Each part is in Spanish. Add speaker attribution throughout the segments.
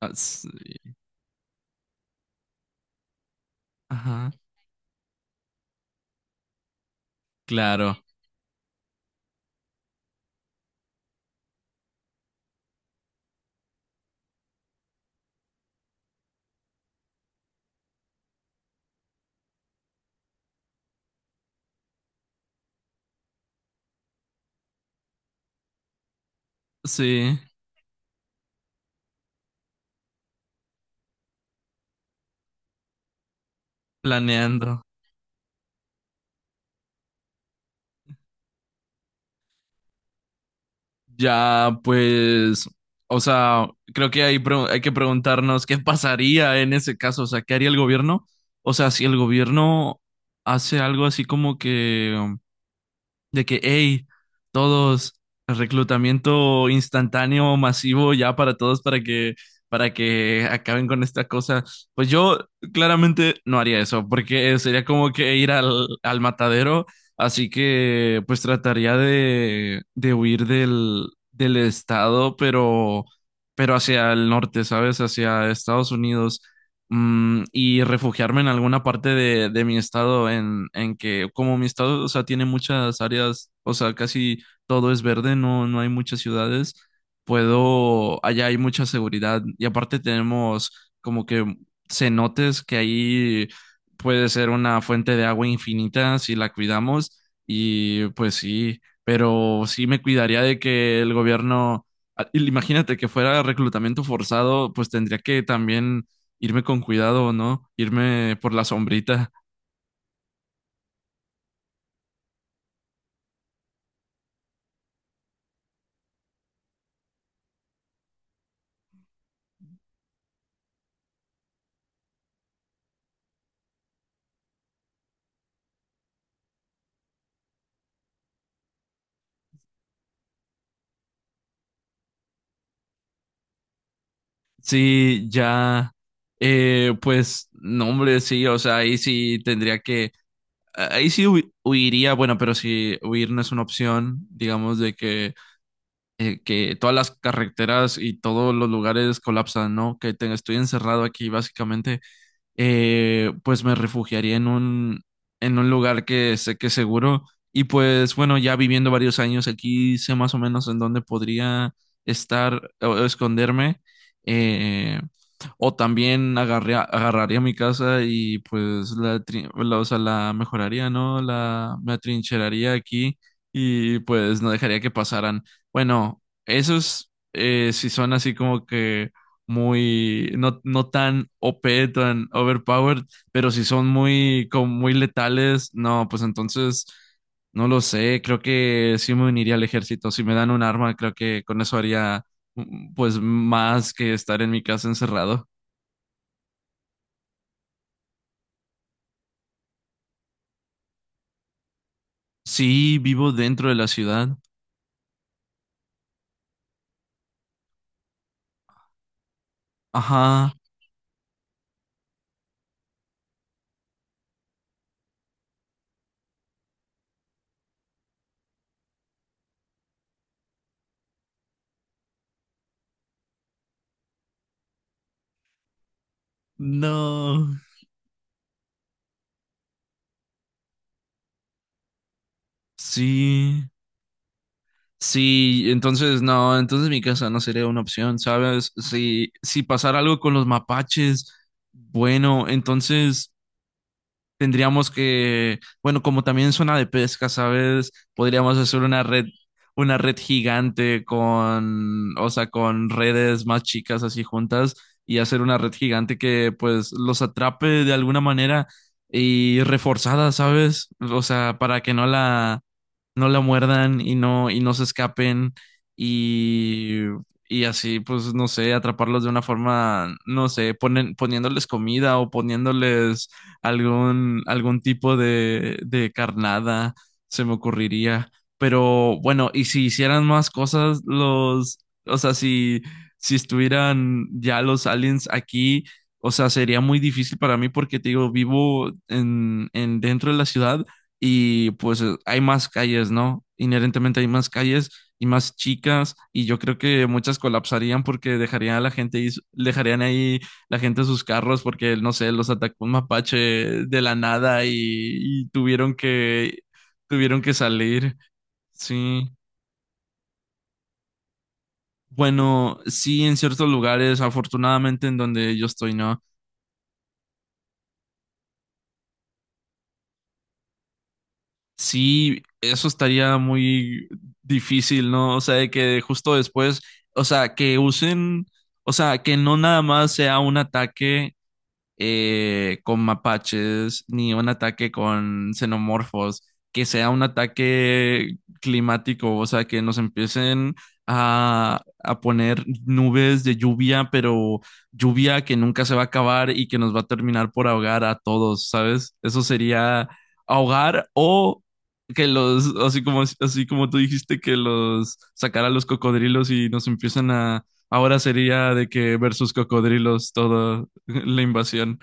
Speaker 1: Ah, sí. Ajá, claro, sí, planeando. Ya, pues, o sea, creo que hay que preguntarnos qué pasaría en ese caso, o sea, ¿qué haría el gobierno? O sea, si el gobierno hace algo así como que de que, hey, todos, reclutamiento instantáneo, masivo, ya para todos, para que acaben con esta cosa. Pues yo claramente no haría eso, porque sería como que ir al matadero, así que pues trataría de huir del del estado, pero hacia el norte, ¿sabes? Hacia Estados Unidos, mm, y refugiarme en alguna parte de mi estado en que como mi estado, o sea, tiene muchas áreas, o sea, casi todo es verde, no, no hay muchas ciudades, puedo, allá hay mucha seguridad y aparte tenemos como que cenotes que ahí puede ser una fuente de agua infinita si la cuidamos y pues sí, pero sí me cuidaría de que el gobierno... Ah, y imagínate que fuera reclutamiento forzado, pues tendría que también irme con cuidado o no, irme por la sombrita. Sí, ya, pues, no, hombre, sí, o sea, ahí sí huiría, bueno, pero si huir no es una opción, digamos, de que todas las carreteras y todos los lugares colapsan, ¿no? Que estoy encerrado aquí, básicamente, pues me refugiaría en un lugar que sé que es seguro. Y pues bueno, ya viviendo varios años aquí, sé más o menos en dónde podría estar o esconderme. Eh, o también agarraría mi casa y pues o sea, la mejoraría, ¿no? Me atrincheraría aquí y pues no dejaría que pasaran. Bueno, esos si son así como que muy, no, no tan OP, tan overpowered, pero si son muy, como muy letales, no, pues entonces, no lo sé, creo que sí me uniría al ejército, si me dan un arma, creo que con eso haría, mm, pues, más que estar en mi casa encerrado. Sí, vivo dentro de la ciudad. Ajá. No. Sí. Sí, entonces no, entonces mi casa no sería una opción, ¿sabes? Si, si pasara algo con los mapaches, bueno, entonces tendríamos que, bueno, como también es de pesca, ¿sabes? Podríamos hacer una red gigante con, o sea, con redes más chicas así juntas y hacer una red gigante que pues los atrape de alguna manera y reforzada, ¿sabes? O sea, para que no la, no la muerdan y no se escapen y, y así, pues, no sé, atraparlos de una forma, no sé, ponen, poniéndoles comida o poniéndoles algún tipo de carnada, se me ocurriría. Pero bueno, y si hicieran más cosas, los, o sea, si, si estuvieran ya los aliens aquí, o sea, sería muy difícil para mí porque te digo, vivo en dentro de la ciudad y pues hay más calles, ¿no? Inherentemente hay más calles y más chicas y yo creo que muchas colapsarían porque dejarían a la gente, dejarían ahí la gente a sus carros porque, no sé, los atacó un mapache de la nada y, y tuvieron que salir. Sí. Bueno, sí, en ciertos lugares, afortunadamente en donde yo estoy, ¿no? Sí, eso estaría muy difícil, ¿no? O sea, de que justo después, o sea, que usen, o sea, que no nada más sea un ataque con mapaches, ni un ataque con xenomorfos, que sea un ataque climático, o sea, que nos empiecen a poner nubes de lluvia, pero lluvia que nunca se va a acabar y que nos va a terminar por ahogar a todos, ¿sabes? Eso sería ahogar o... Que los, así como tú dijiste, que los sacar a los cocodrilos y nos empiezan a, ahora sería de que versus cocodrilos todo, la invasión.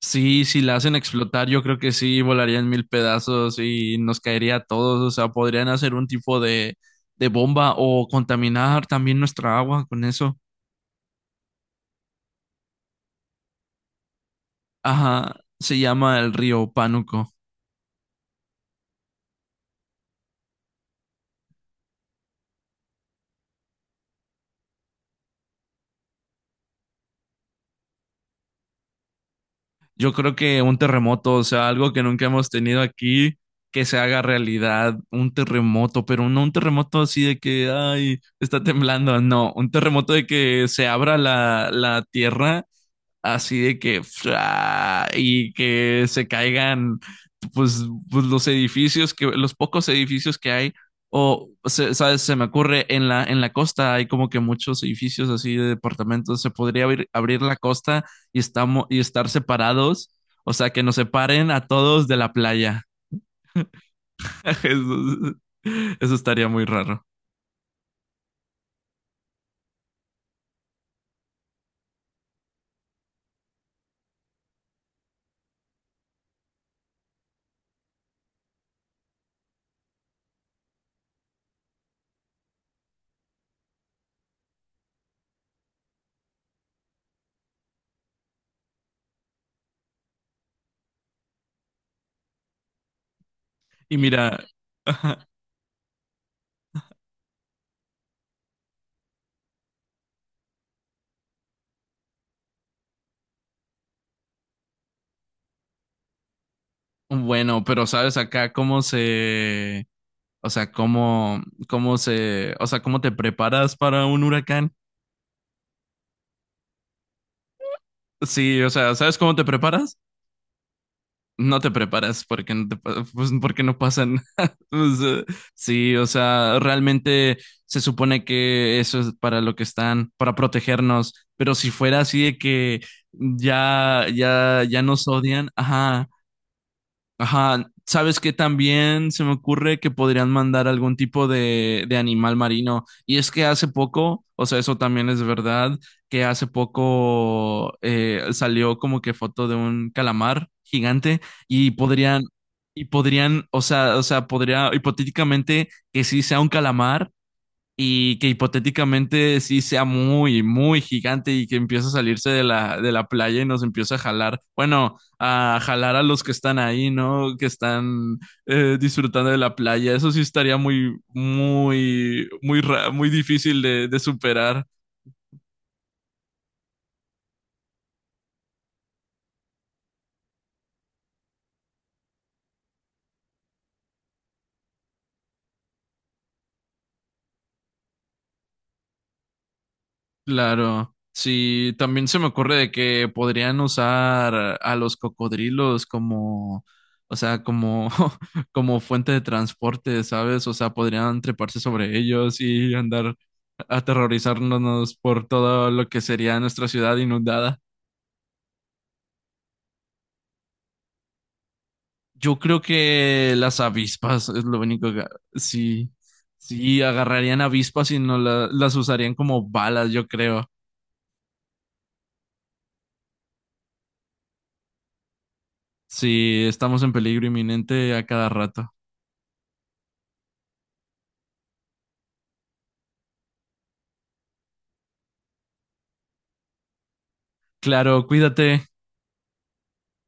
Speaker 1: Sí, si la hacen explotar, yo creo que sí, volarían mil pedazos y nos caería a todos. O sea, podrían hacer un tipo de bomba o contaminar también nuestra agua con eso. Ajá, se llama el río Pánuco. Yo creo que un terremoto, o sea, algo que nunca hemos tenido aquí, que se haga realidad, un terremoto, pero no un terremoto así de que, ay, está temblando, no, un terremoto de que se abra la tierra así de que fra, y que se caigan pues, pues, los edificios, que los pocos edificios que hay o se, sabes, se me ocurre en la costa hay como que muchos edificios así de departamentos, se podría abrir la costa y estamos y estar separados, o sea, que nos separen a todos de la playa. eso, eso estaría muy raro. Y mira, bueno, pero sabes acá cómo se, o sea, ¿cómo, cómo se, o sea, cómo te preparas para un huracán? Sí, o sea, ¿sabes cómo te preparas? No te preparas porque no te, pues, porque no pasan. Pues, sí, o sea, realmente se supone que eso es para lo que están, para protegernos, pero si fuera así de que ya, ya, ya nos odian, ajá. Ajá, ¿sabes qué? También se me ocurre que podrían mandar algún tipo de animal marino. Y es que hace poco, o sea, eso también es verdad, que hace poco salió como que foto de un calamar gigante y podrían, y podrían, o sea, podría hipotéticamente que sí sea un calamar, y que hipotéticamente sí sea muy, muy gigante y que empiece a salirse de de la playa y nos empiece a jalar, bueno, a jalar a los que están ahí, ¿no? Que están disfrutando de la playa. Eso sí estaría muy, muy, muy, muy difícil de superar. Claro, sí, también se me ocurre de que podrían usar a los cocodrilos como, o sea, como, como fuente de transporte, ¿sabes? O sea, podrían treparse sobre ellos y andar aterrorizándonos por todo lo que sería nuestra ciudad inundada. Yo creo que las avispas es lo único que sí, sí agarrarían avispas y no la- las usarían como balas, yo creo. Si estamos en peligro inminente a cada rato. Claro, cuídate.